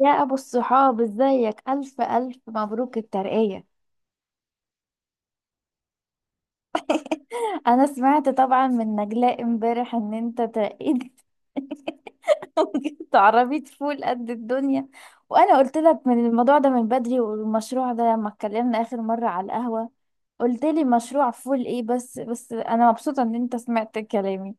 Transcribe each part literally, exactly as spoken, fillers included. يا أبو الصحاب، ازيك؟ ألف ألف مبروك الترقية. أنا سمعت طبعا من نجلاء امبارح إن أنت ترقيت وجبت عربية فول قد الدنيا. وأنا قلت لك من الموضوع ده من بدري، والمشروع ده لما اتكلمنا آخر مرة على القهوة، قلت لي مشروع فول إيه؟ بس بس أنا مبسوطة إن أنت سمعت كلامي.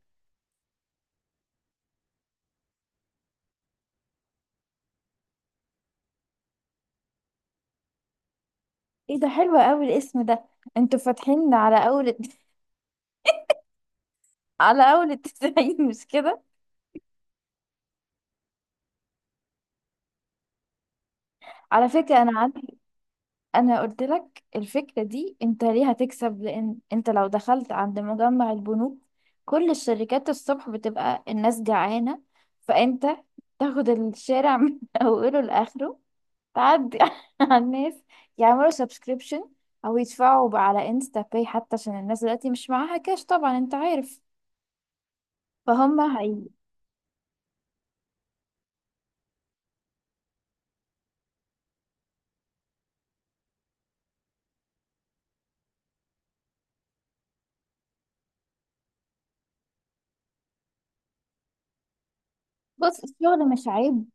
إيه ده؟ حلو أوي الاسم ده. أنتوا فاتحين على أول على أول التسعين، مش كده؟ على فكرة أنا عندي... انا قلت لك الفكره دي، انت ليه هتكسب؟ لان انت لو دخلت عند مجمع البنوك، كل الشركات الصبح بتبقى الناس جعانه، فانت تاخد الشارع من اوله لاخره، تعدي على الناس، يعملوا سبسكريبشن او يدفعوا على انستا باي حتى، عشان الناس دلوقتي مش معاها كاش، طبعا انت عارف. فهم هي. بص، الشغل مش عيب.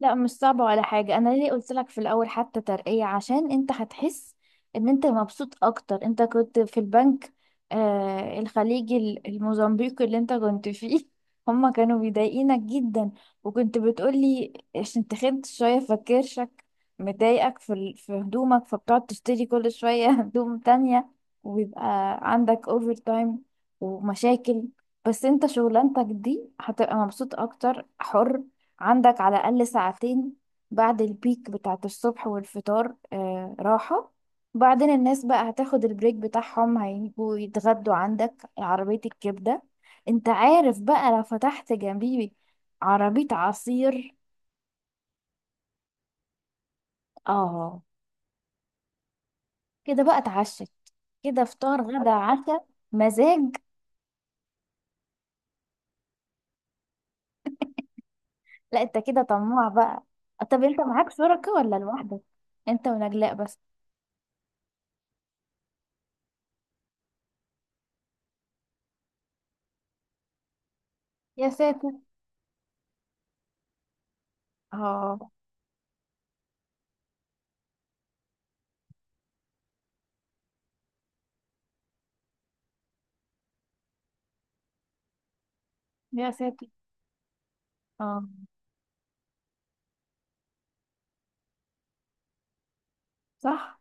لا مش صعبة ولا حاجة. أنا ليه قلت لك في الأول حتى ترقية؟ عشان أنت هتحس إن أنت مبسوط أكتر. أنت كنت في البنك آه الخليجي، ال- الموزمبيقي اللي أنت كنت فيه، هما كانوا بيضايقينك جدا. وكنت بتقولي عشان تخنت شوية فكرشك مضايقك في ال- في هدومك، فبتقعد تشتري كل شوية هدوم تانية، ويبقى عندك أوفر تايم ومشاكل. بس أنت شغلانتك دي هتبقى مبسوط أكتر، حر، عندك على الأقل ساعتين بعد البيك بتاعت الصبح والفطار، آه راحة. بعدين الناس بقى هتاخد البريك بتاعهم، هيجوا يتغدوا عندك عربية الكبدة. انت عارف بقى لو فتحت جنبي عربية عصير. اه. كده بقى اتعشت، كده فطار غدا عشاء. مزاج. لا انت كده طماع بقى. طب انت معاك شركة ولا لوحدك؟ انت ونجلاء بس؟ يا ساتر. اه. يا ساتر. اه. صح.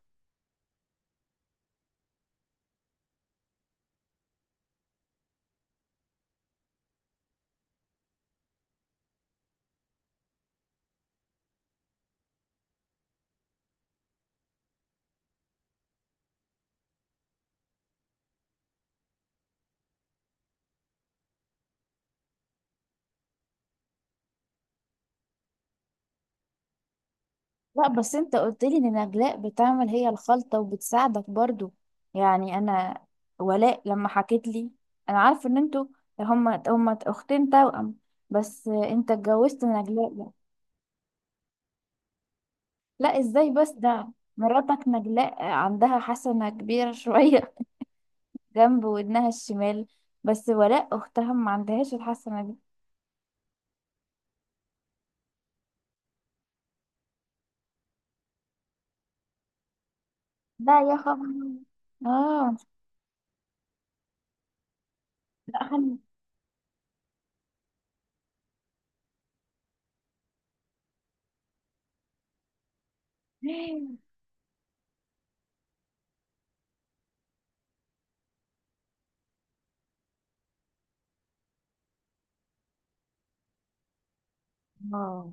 لا بس انت قلت لي ان نجلاء بتعمل هي الخلطة وبتساعدك برضو. يعني انا، ولاء لما حكيت لي، انا عارفه ان انتوا، هما هما اختين توأم، بس انت اتجوزت نجلاء بقى. لا ازاي بس ده؟ مراتك نجلاء عندها حسنة كبيرة شوية جنب ودنها الشمال، بس ولاء اختها ما عندهاش الحسنة دي. لا يا خبر. اه. لا خلي. اه.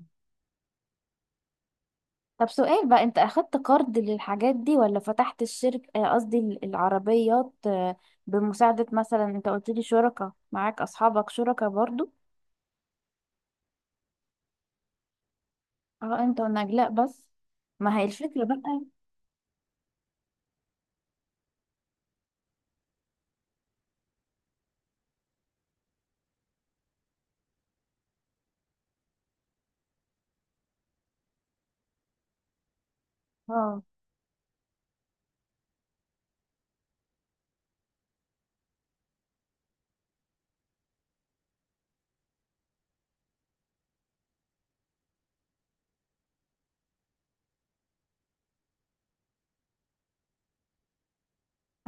طب سؤال بقى. انت اخدت قرض للحاجات دي ولا فتحت الشركة، آه، قصدي ال- العربيات آه، بمساعدة مثلا؟ انت قلت لي شركاء معاك، اصحابك شركاء برضو؟ اه انت ونجلاء بس. ما هي الفكرة بقى. اه.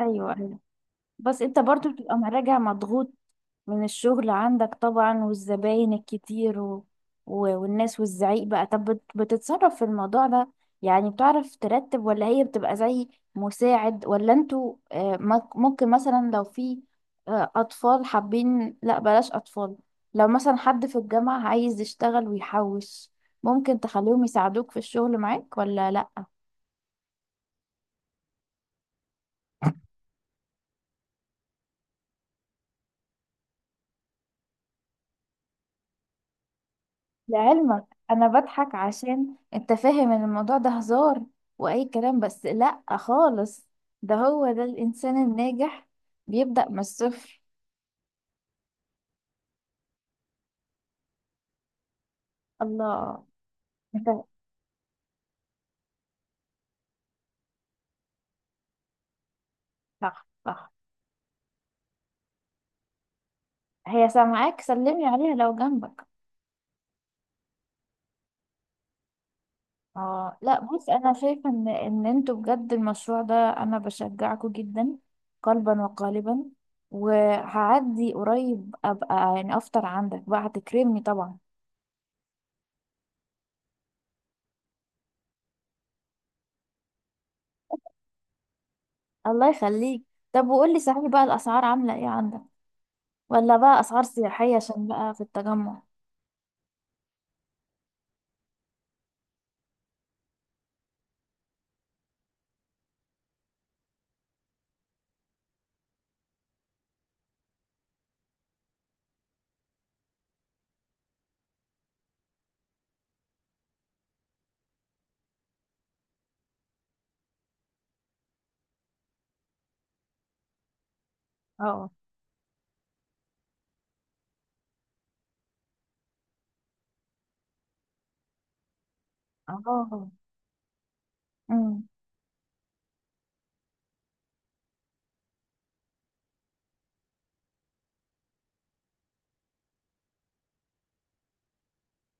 ايوه ايوه. بس انت برضو بتبقى راجع مضغوط من الشغل عندك طبعا، والزباين الكتير و... و... والناس والزعيق بقى. طب بت- بتتصرف في الموضوع ده؟ يعني بتعرف ترتب ولا هي بتبقى زي مساعد؟ ولا انتوا آه، مك- ممكن مثلا لو في آه، أطفال حابين... لا بلاش أطفال. لو مثلا حد في الجامعة عايز يشتغل ويحوش، ممكن تخليهم يساعدوك في الشغل معاك ولا لا؟ لعلمك، انا بضحك عشان انت فاهم ان الموضوع ده هزار واي كلام، بس لا خالص. ده هو ده الانسان الناجح، بيبدأ من الصفر. الله. انت... صح صح. هي سامعاك؟ سلمي عليها لو جنبك. اه لا بص، انا شايفه ان ان انتوا بجد المشروع ده انا بشجعكوا جدا، قلبا وقالبا. وهعدي قريب ابقى يعني افطر عندك بقى، هتكرمني طبعا. الله يخليك. طب وقولي صحيح بقى، الأسعار عاملة ايه عندك؟ ولا بقى أسعار سياحية عشان بقى في التجمع؟ اه. اه. امم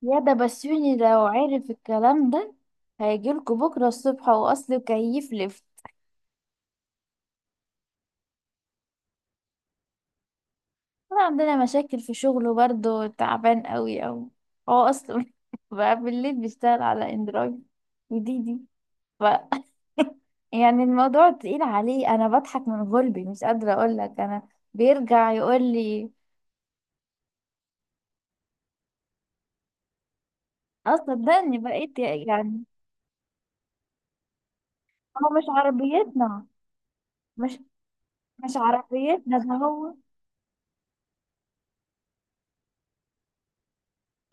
يا ده بسيوني، لو عرف الكلام ده هيجيلكوا بكرة الصبح وأصله كيف لف. أنا عندنا مشاكل في شغله برضه، تعبان قوي أوي. هو أصله بقى بالليل بيشتغل على اندرويد وديدي، ف يعني الموضوع تقيل عليه. أنا بضحك من غلبي، مش قادرة أقولك. أنا بيرجع يقول لي... اه صدقني، بقيت يعني. هو مش عربيتنا. مش مش عربيتنا ده هو.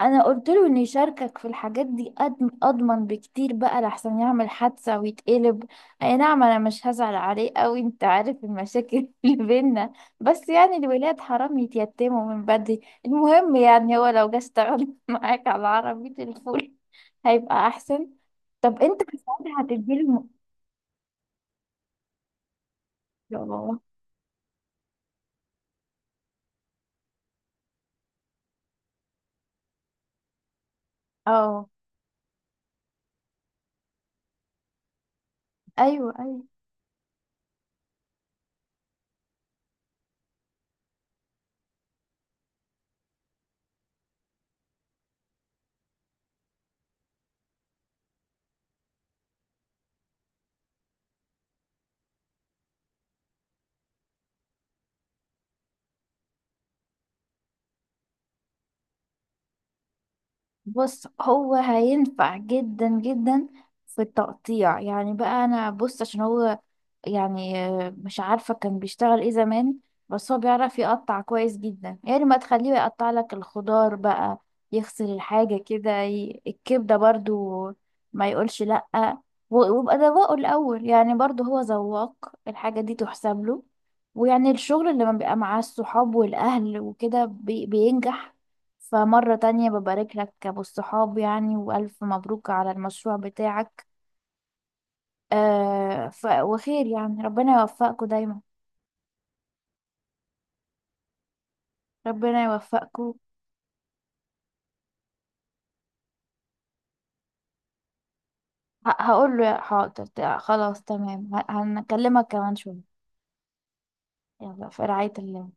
انا قلت له ان يشاركك في الحاجات دي، أضم- اضمن بكتير بقى، لحسن يعمل حادثة ويتقلب. اي نعم انا مش هزعل عليه قوي، انت عارف المشاكل اللي بينا، بس يعني الولاد حرام يتيتموا من بدري. المهم، يعني هو لو جه اشتغل معاك على عربية الفول، هيبقى احسن. طب انت في ساعتها هتديله... م- اه. ايوه ايوه. بص هو هينفع جدا جدا في التقطيع. يعني بقى انا بص، عشان هو يعني آه، مش عارفة كان بيشتغل ايه زمان، بس هو بيعرف يقطع كويس جدا. يعني ما تخليه يقطع لك الخضار بقى، يغسل الحاجة كده، ي- الكبدة برضو، ما يقولش لأ. و- ويبقى ذواقه الأول. يعني برضو هو ذواق الحاجة دي تحسب له. ويعني الشغل اللي لما بيبقى مع الصحاب والأهل وكده بي- بينجح. فمرة تانية ببارك لك أبو الصحاب، يعني وألف مبروك على المشروع بتاعك. آه ف... وخير. يعني ربنا يوفقكم دايما. ربنا يوفقكم. ه... هقول له حاضر، ت- خلاص تمام. ه... هنكلمك كمان شوية. يلا، في رعاية الله.